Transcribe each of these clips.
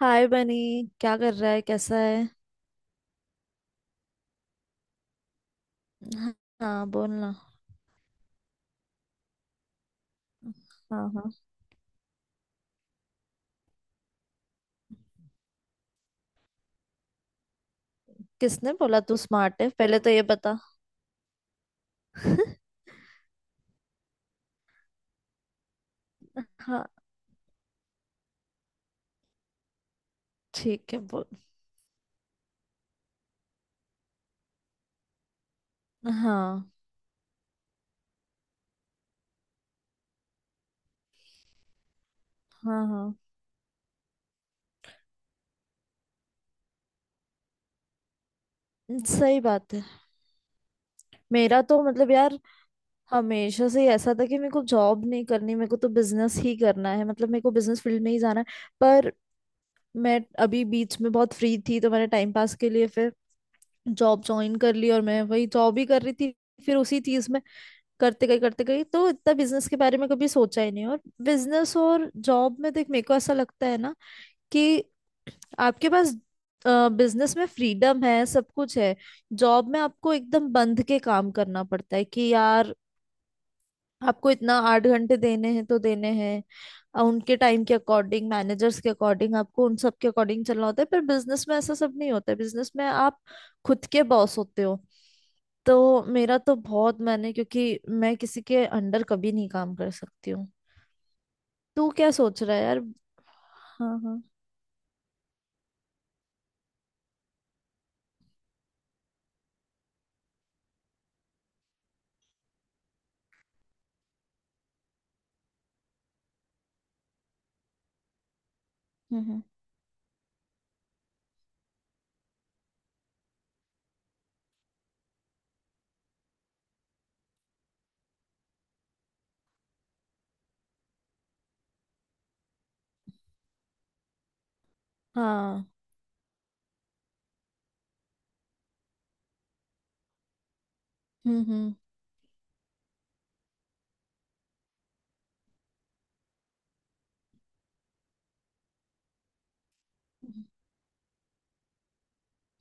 हाय बनी। क्या कर रहा है, कैसा है? हाँ। हाँ, बोलना। हाँ हाँ, किसने बोला तू स्मार्ट है, पहले तो ये बता। हाँ, ठीक है बोल। हाँ हाँ हाँ, सही बात है। मेरा तो मतलब यार, हमेशा से ही ऐसा था कि मेरे को जॉब नहीं करनी, मेरे को तो बिजनेस ही करना है। मतलब मेरे को बिजनेस फील्ड में ही जाना है। पर मैं अभी बीच में बहुत फ्री थी तो मैंने टाइम पास के लिए फिर जॉब ज्वाइन कर ली और मैं वही जॉब ही कर रही थी। फिर उसी चीज में करते गई तो इतना बिजनेस के बारे में कभी सोचा ही नहीं। और बिजनेस और जॉब में देख, मेरे को ऐसा लगता है ना कि आपके पास बिजनेस में फ्रीडम है, सब कुछ है। जॉब में आपको एकदम बंध के काम करना पड़ता है कि यार, आपको इतना आठ घंटे देने हैं तो देने हैं। उनके टाइम के अकॉर्डिंग, मैनेजर्स के अकॉर्डिंग, आपको उन सब के अकॉर्डिंग चलना होता है। पर बिजनेस में ऐसा सब नहीं होता है। बिजनेस में आप खुद के बॉस होते हो। तो मेरा तो बहुत मैंने, क्योंकि मैं किसी के अंडर कभी नहीं काम कर सकती हूँ। तू क्या सोच रहा है यार? हाँ हाँ। हम्म। हाँ। हम्म हम्म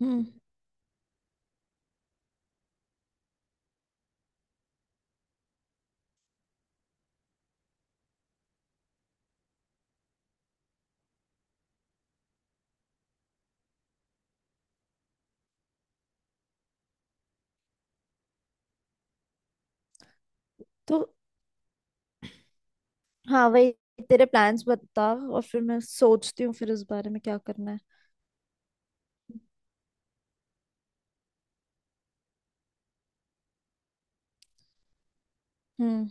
हम्म। तो हाँ वही, तेरे प्लान्स बता और फिर मैं सोचती हूँ फिर इस बारे में क्या करना है। हम्म।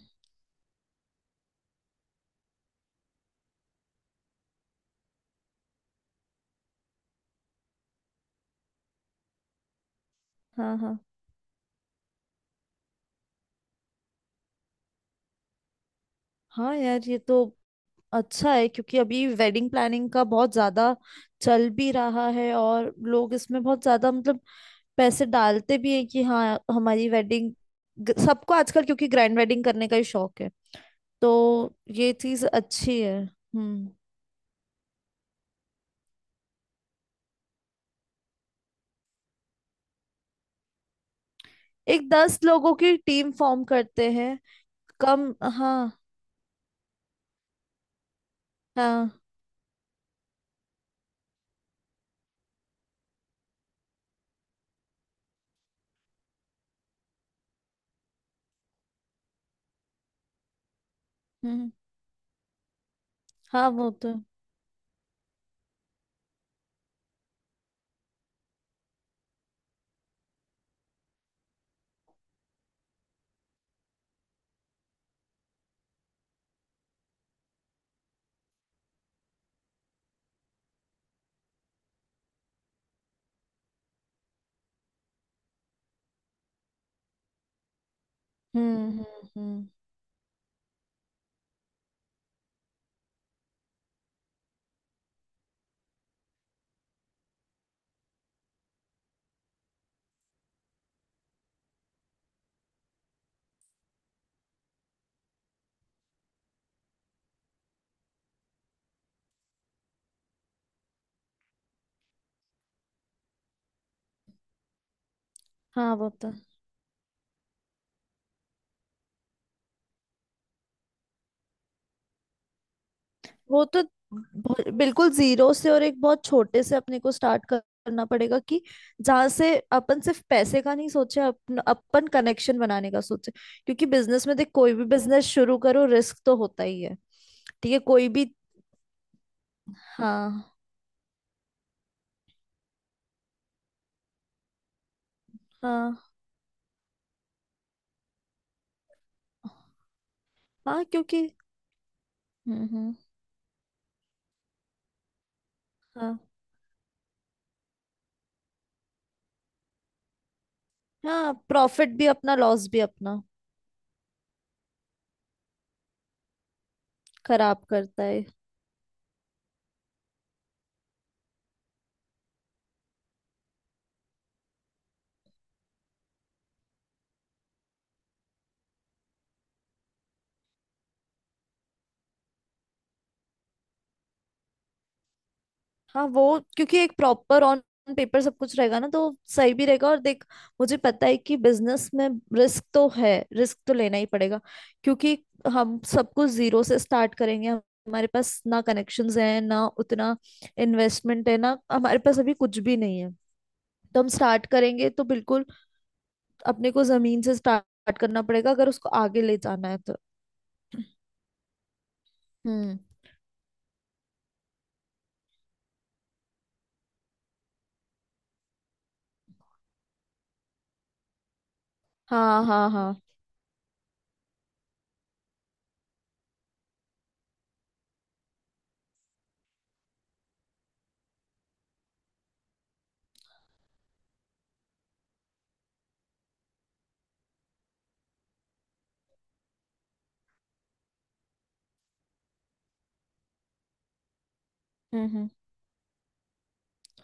हाँ हाँ। हाँ यार, ये तो अच्छा है क्योंकि अभी वेडिंग प्लानिंग का बहुत ज्यादा चल भी रहा है और लोग इसमें बहुत ज्यादा मतलब पैसे डालते भी हैं कि हाँ, हमारी वेडिंग, सबको आजकल क्योंकि ग्रैंड वेडिंग करने का ही शौक है। तो ये चीज अच्छी है। हम्म। एक दस लोगों की टीम फॉर्म करते हैं। कम हाँ। हाँ। हम्म। हाँ वो तो। हम्म हम्म हम्म। हाँ वो तो ब- बिल्कुल जीरो से और एक बहुत छोटे से अपने को स्टार्ट करना पड़ेगा कि जहां से अपन सिर्फ पैसे का नहीं सोचे, अपन अपन कनेक्शन बनाने का सोचे। क्योंकि बिजनेस में देख, कोई भी बिजनेस शुरू करो रिस्क तो होता ही है। ठीक है, कोई भी। हाँ हाँ हाँ। क्योंकि। हम्म। हाँ हाँ, प्रॉफिट भी अपना, लॉस भी अपना। खराब करता है। हाँ वो, क्योंकि एक प्रॉपर ऑन पेपर सब कुछ रहेगा ना, तो सही भी रहेगा। और देख, मुझे पता है कि बिजनेस में रिस्क तो है, रिस्क तो लेना ही पड़ेगा क्योंकि हम सब कुछ जीरो से स्टार्ट करेंगे। हमारे पास ना कनेक्शंस हैं, ना उतना इन्वेस्टमेंट है, ना हमारे पास अभी कुछ भी नहीं है। तो हम स्टार्ट करेंगे तो बिल्कुल अपने को जमीन से स्टार्ट करना पड़ेगा अगर उसको आगे ले जाना है तो। हम्म। हाँ हाँ हाँ। हम्म हम्म।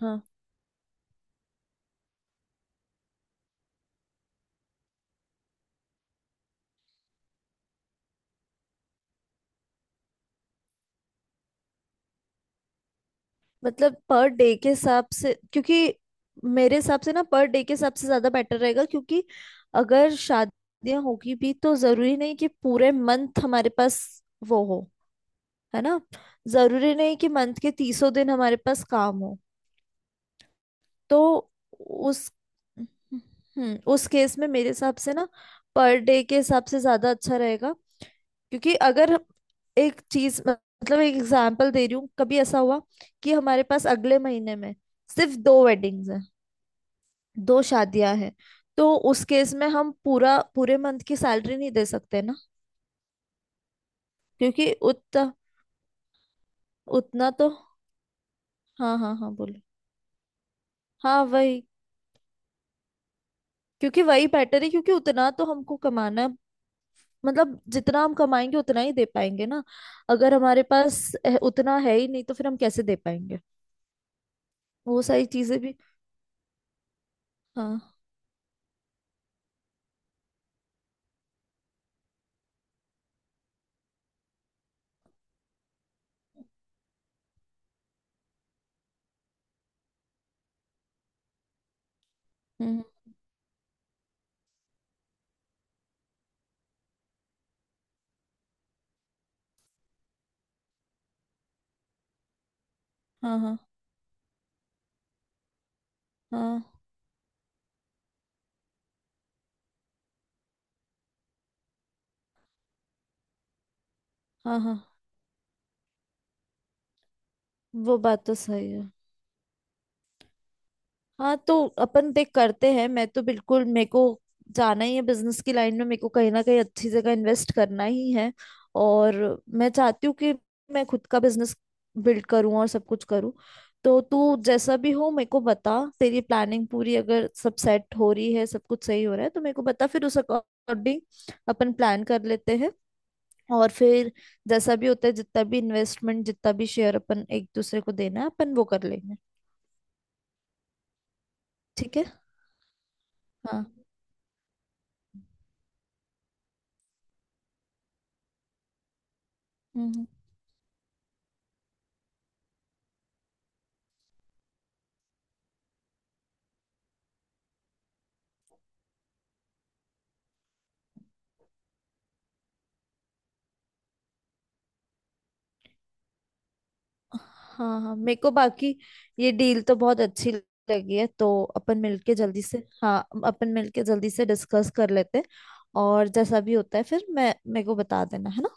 हाँ। मतलब पर डे के हिसाब से, क्योंकि मेरे हिसाब से ना, पर डे के हिसाब से ज्यादा बेटर रहेगा क्योंकि अगर शादियां होगी भी तो जरूरी नहीं कि पूरे मंथ हमारे पास वो हो। है ना? जरूरी नहीं कि मंथ के तीसों दिन हमारे पास काम हो। तो उस, हम्म, उस केस में मेरे हिसाब से ना पर डे के हिसाब से ज्यादा अच्छा रहेगा। क्योंकि अगर एक चीज, मतलब एक एग्जांपल दे रही हूँ, कभी ऐसा हुआ कि हमारे पास अगले महीने में सिर्फ दो वेडिंग्स हैं, दो शादियां हैं। तो उस केस में हम पूरा पूरे मंथ की सैलरी नहीं दे सकते ना, क्योंकि उतना उतना तो। हाँ हाँ हाँ, बोलो। हाँ वही, क्योंकि वही बेटर है। क्योंकि उतना तो हमको कमाना है। मतलब जितना हम कमाएंगे उतना ही दे पाएंगे ना। अगर हमारे पास उतना है ही नहीं तो फिर हम कैसे दे पाएंगे? वो सारी चीजें भी। हाँ। हम्म। हाँ हाँ हाँ हाँ हाँ हाँ, वो बात तो सही है। हाँ तो अपन देख करते हैं, मैं तो बिल्कुल मेरे को जाना ही है बिजनेस की लाइन में। मेरे को कहीं ना कहीं अच्छी जगह इन्वेस्ट करना ही है। और मैं चाहती हूँ कि मैं खुद का बिजनेस बिल्ड करूँ और सब कुछ करूँ। तो तू जैसा भी हो मेरे को बता, तेरी प्लानिंग पूरी अगर सब सेट हो रही है, सब कुछ सही हो रहा है तो मेरे को बता, फिर उस अकॉर्डिंग अपन प्लान कर लेते हैं। और फिर जैसा भी होता है, जितना भी इन्वेस्टमेंट, जितना भी शेयर अपन एक दूसरे को देना है अपन वो कर लेंगे। ठीक है। हाँ। हम्म हम्म। हाँ हाँ, मेरे को बाकी ये डील तो बहुत अच्छी लगी है। तो अपन मिलके जल्दी से, हाँ, अपन मिलके जल्दी से डिस्कस कर लेते हैं। और जैसा भी होता है फिर मैं, मेरे को बता देना है ना।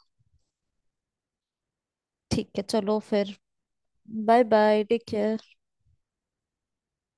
ठीक है, चलो फिर। Bye bye, take care.